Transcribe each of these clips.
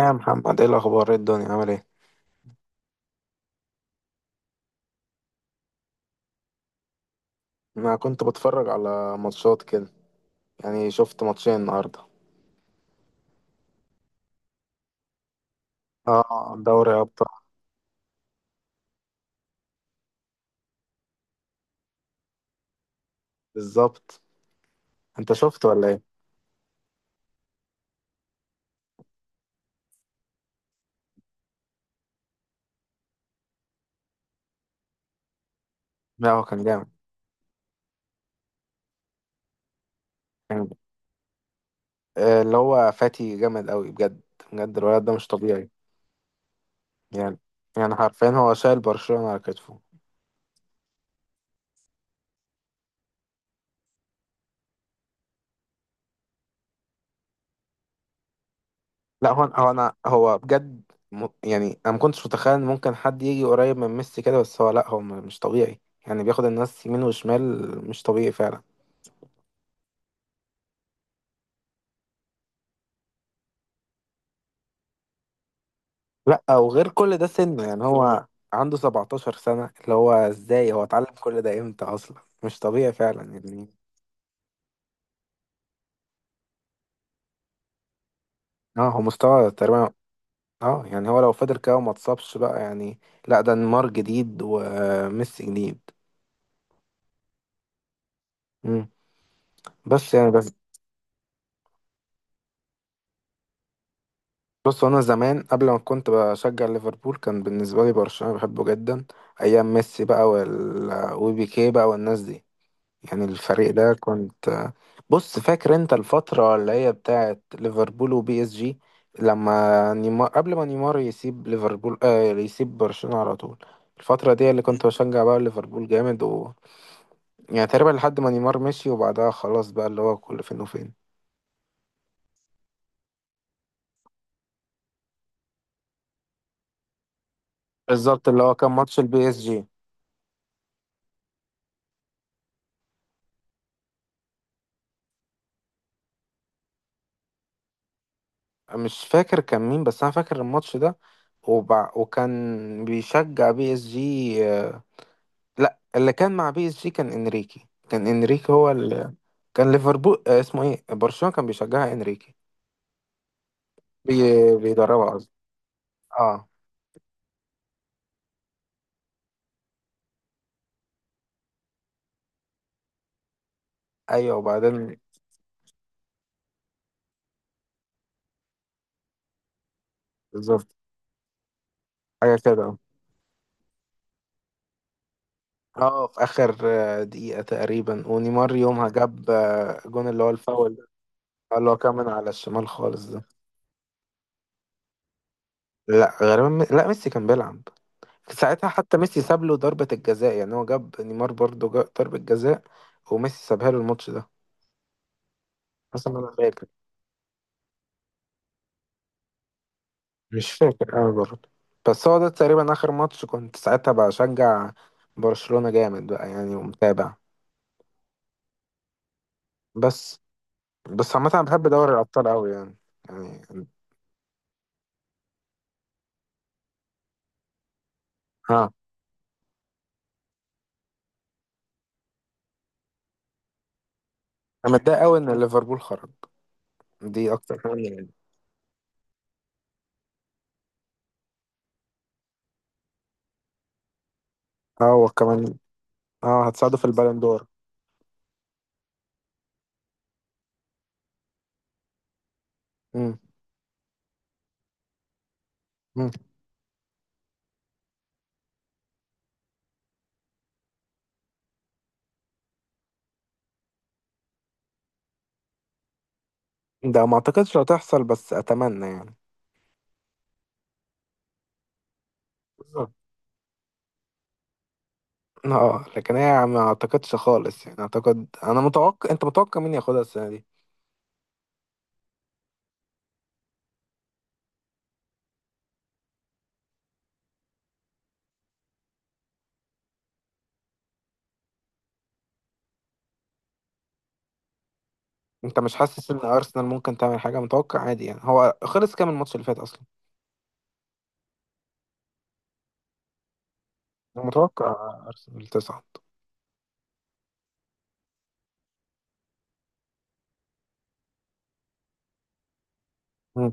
يا محمد، ايه الاخبار؟ ايه الدنيا عامل ايه؟ انا كنت بتفرج على ماتشات كده، يعني شفت ماتشين النهارده. اه، دوري ابطال. بالظبط. انت شفت ولا ايه؟ لا هو كان جامد. كان اللي هو فاتي جامد قوي بجد. بجد الولد ده مش طبيعي، يعني حرفيا هو شايل برشلونة على كتفه. لا هو بجد. يعني انا ما كنتش متخيل إن ممكن حد يجي قريب من ميسي كده، بس هو لا مش طبيعي. يعني بياخد الناس يمين وشمال، مش طبيعي فعلا. لا وغير كل ده سنه، يعني هو عنده 17 سنة. اللي هو ازاي هو اتعلم كل ده؟ امتى اصلا؟ مش طبيعي فعلا يعني. اه هو مستوى تقريبا. اه يعني هو لو فضل كده وما اتصابش بقى، يعني لا ده نيمار جديد وميسي جديد. مم. بس. بص انا زمان قبل ما كنت بشجع ليفربول، كان بالنسبة لي برشلونة بحبه جدا، ايام ميسي بقى وبيكيه بقى والناس دي. يعني الفريق ده كنت. بص، فاكر انت الفترة اللي هي بتاعت ليفربول وبي اس جي، لما نيمار قبل ما نيمار يسيب ليفربول، آه يسيب برشلونة على طول. الفترة دي اللي كنت بشجع بقى ليفربول جامد، و يعني تقريبا لحد ما نيمار مشي وبعدها خلاص بقى، اللي هو كل فين وفين. بالظبط، اللي هو كان ماتش البي اس جي. مش فاكر كان مين بس انا فاكر الماتش ده. وكان بيشجع بي اس جي، لا اللي كان مع بي اس جي كان انريكي. كان انريكي هو كان ليفربول، اسمه ايه، برشلونة كان بيشجعها انريكي. بي... بيدربها قصدي. اه. ايوه، وبعدين؟ بالظبط. حاجة كده. اه في اخر دقيقة تقريبا ونيمار يومها جاب جون، اللي هو الفاول ده، اللي هو كان من على الشمال خالص ده. لا غالبا لا ميسي كان بيلعب ساعتها، حتى ميسي ساب له ضربة الجزاء. يعني هو جاب نيمار برضه، جاب ضربة جزاء وميسي سابها له الماتش ده، حسب ما انا فاكر. مش فاكر قوي برضه. بس هو ده تقريبا آخر ماتش كنت ساعتها بشجع برشلونة جامد بقى، يعني ومتابع. بس بس عامة أنا بحب دوري الأبطال قوي يعني، يعني اه. أنا متضايق قوي إن ليفربول خرج، دي أكتر حاجة يعني. اه وكمان اه هتساعده في البالون دور. مم. مم. ده ما أعتقدش هتحصل بس أتمنى يعني. بالظبط. اه لكن هي ما أعتقدش خالص يعني. أعتقد، أنا متوقع، أنت متوقع مين ياخدها السنة دي؟ انت مش حاسس ان ارسنال ممكن تعمل حاجه؟ متوقع عادي يعني. هو خلص كام الماتش اللي فات اصلا؟ أنا متوقع ارسنال تصعد. مم.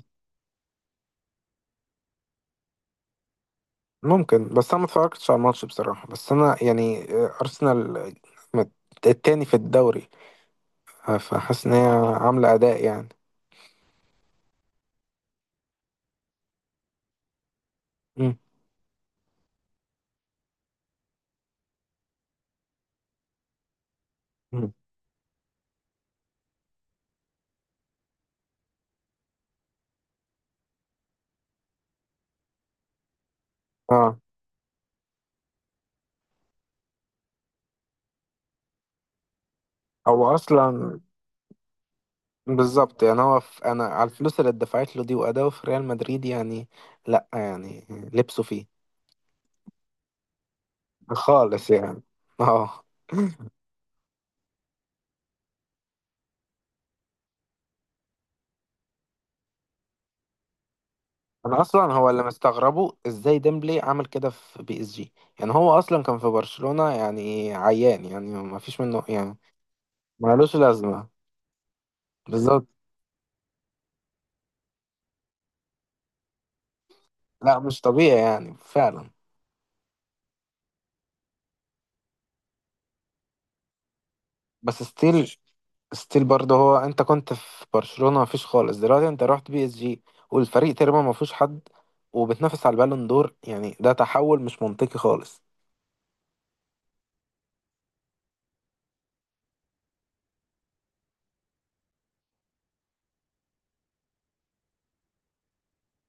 ممكن، بس انا ما اتفرجتش على الماتش بصراحه. بس انا يعني ارسنال مت- التاني في الدوري، فحاسس ان هي عامله اداء يعني. مم. مم. اه هو اصلا. بالظبط، يعني هو في انا على الفلوس اللي اتدفعت له دي واداؤه في ريال مدريد، يعني لا يعني لبسه فيه خالص يعني. اه. انا اصلا هو اللي مستغربه، ازاي ديمبلي عمل كده في بي اس جي؟ يعني هو اصلا كان في برشلونة يعني عيان، يعني ما فيش منه يعني، مالوش لازمة. بالظبط. لا مش طبيعي يعني فعلا. بس ستيل، ستيل برضه، هو انت كنت في برشلونة ما فيش خالص، دلوقتي انت رحت بي اس جي والفريق تقريبا ما فيهوش حد وبتنافس على البالون دور. يعني ده تحول مش منطقي خالص.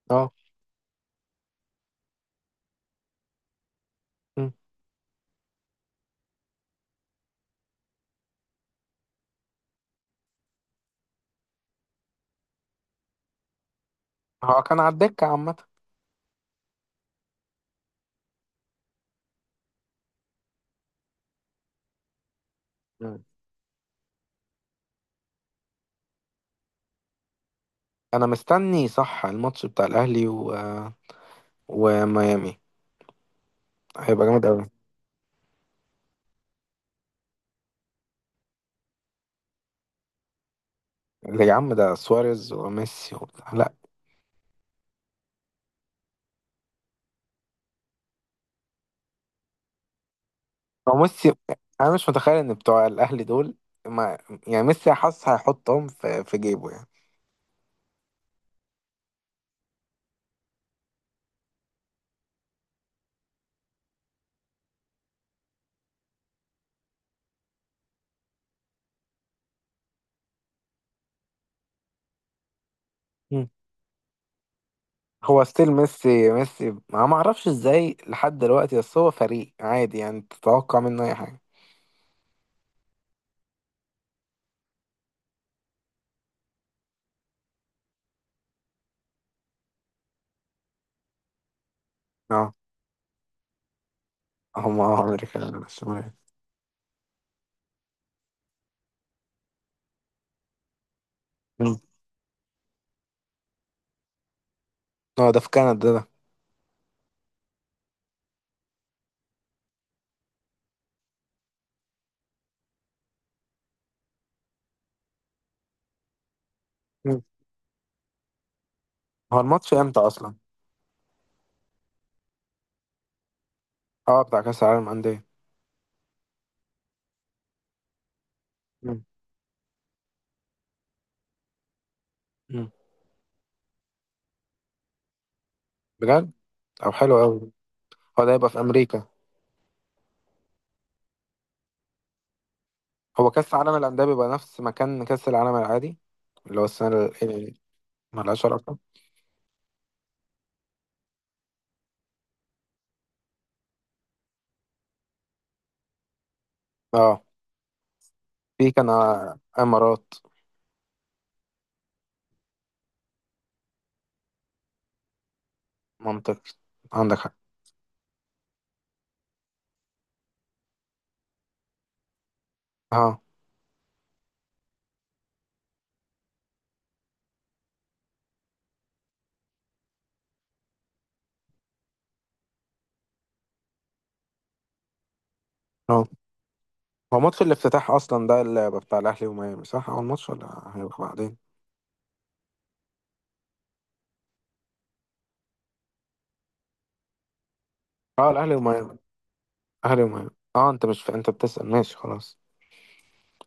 اه. مم. هو كان على الدكة عامة. مم. انا مستني صح الماتش بتاع الاهلي وميامي. هيبقى جامد قوي. يا عم ده سواريز وميسي وبتاع، لا. هو ميسي، انا مش متخيل ان بتوع الاهلي دول ما، يعني ميسي حاسس هيحطهم في جيبه يعني. مم. هو ستيل ميسي، ميسي ما اعرفش ازاي لحد دلوقتي، بس هو فريق عادي يعني تتوقع منه اي حاجه. اه. هم اه امريكا الشمالية. مم. اه ده في كندا ده. مم. هو الماتش امتى اصلا؟ اه بتاع كاس العالم انديه. مم. مم. بجد؟ طب حلو قوي. هو ده هيبقى في امريكا. هو كأس العالم الأندية بيبقى نفس مكان كأس العالم العادي، اللي هو السنة يعني، ملهاش علاقة. اه في كان إمارات. منطقي. عندك حق. اه. اه. هو ماتش الافتتاح أصلا ده اللي هيبقى بتاع الأهلي وميامي صح؟ أول ماتش ولا هيبقى بعدين؟ اه الأهلي وميامي. الأهلي وميامي. اه أنت مش أنت بتسأل، ماشي خلاص.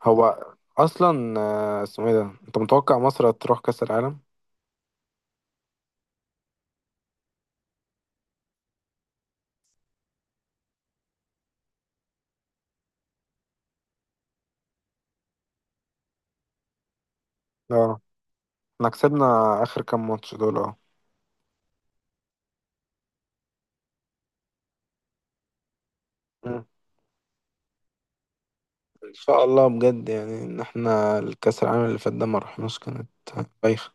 هو أصلا اسمه إيه ده، أنت متوقع مصر تروح كأس العالم؟ اه. احنا كسبنا آخر كام ماتش دول؟ اه ان شاء الله بجد، يعني ان احنا الكاس العالم اللي فات ده ما رحناش، كانت بايخه.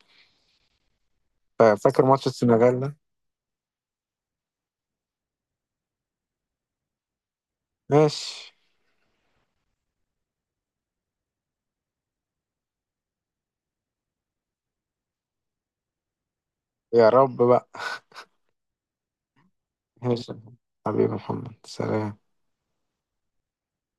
فاكر ماتش السنغال ده؟ ماشي. يا رب بقى. ماشي. حبيبي محمد، سلام.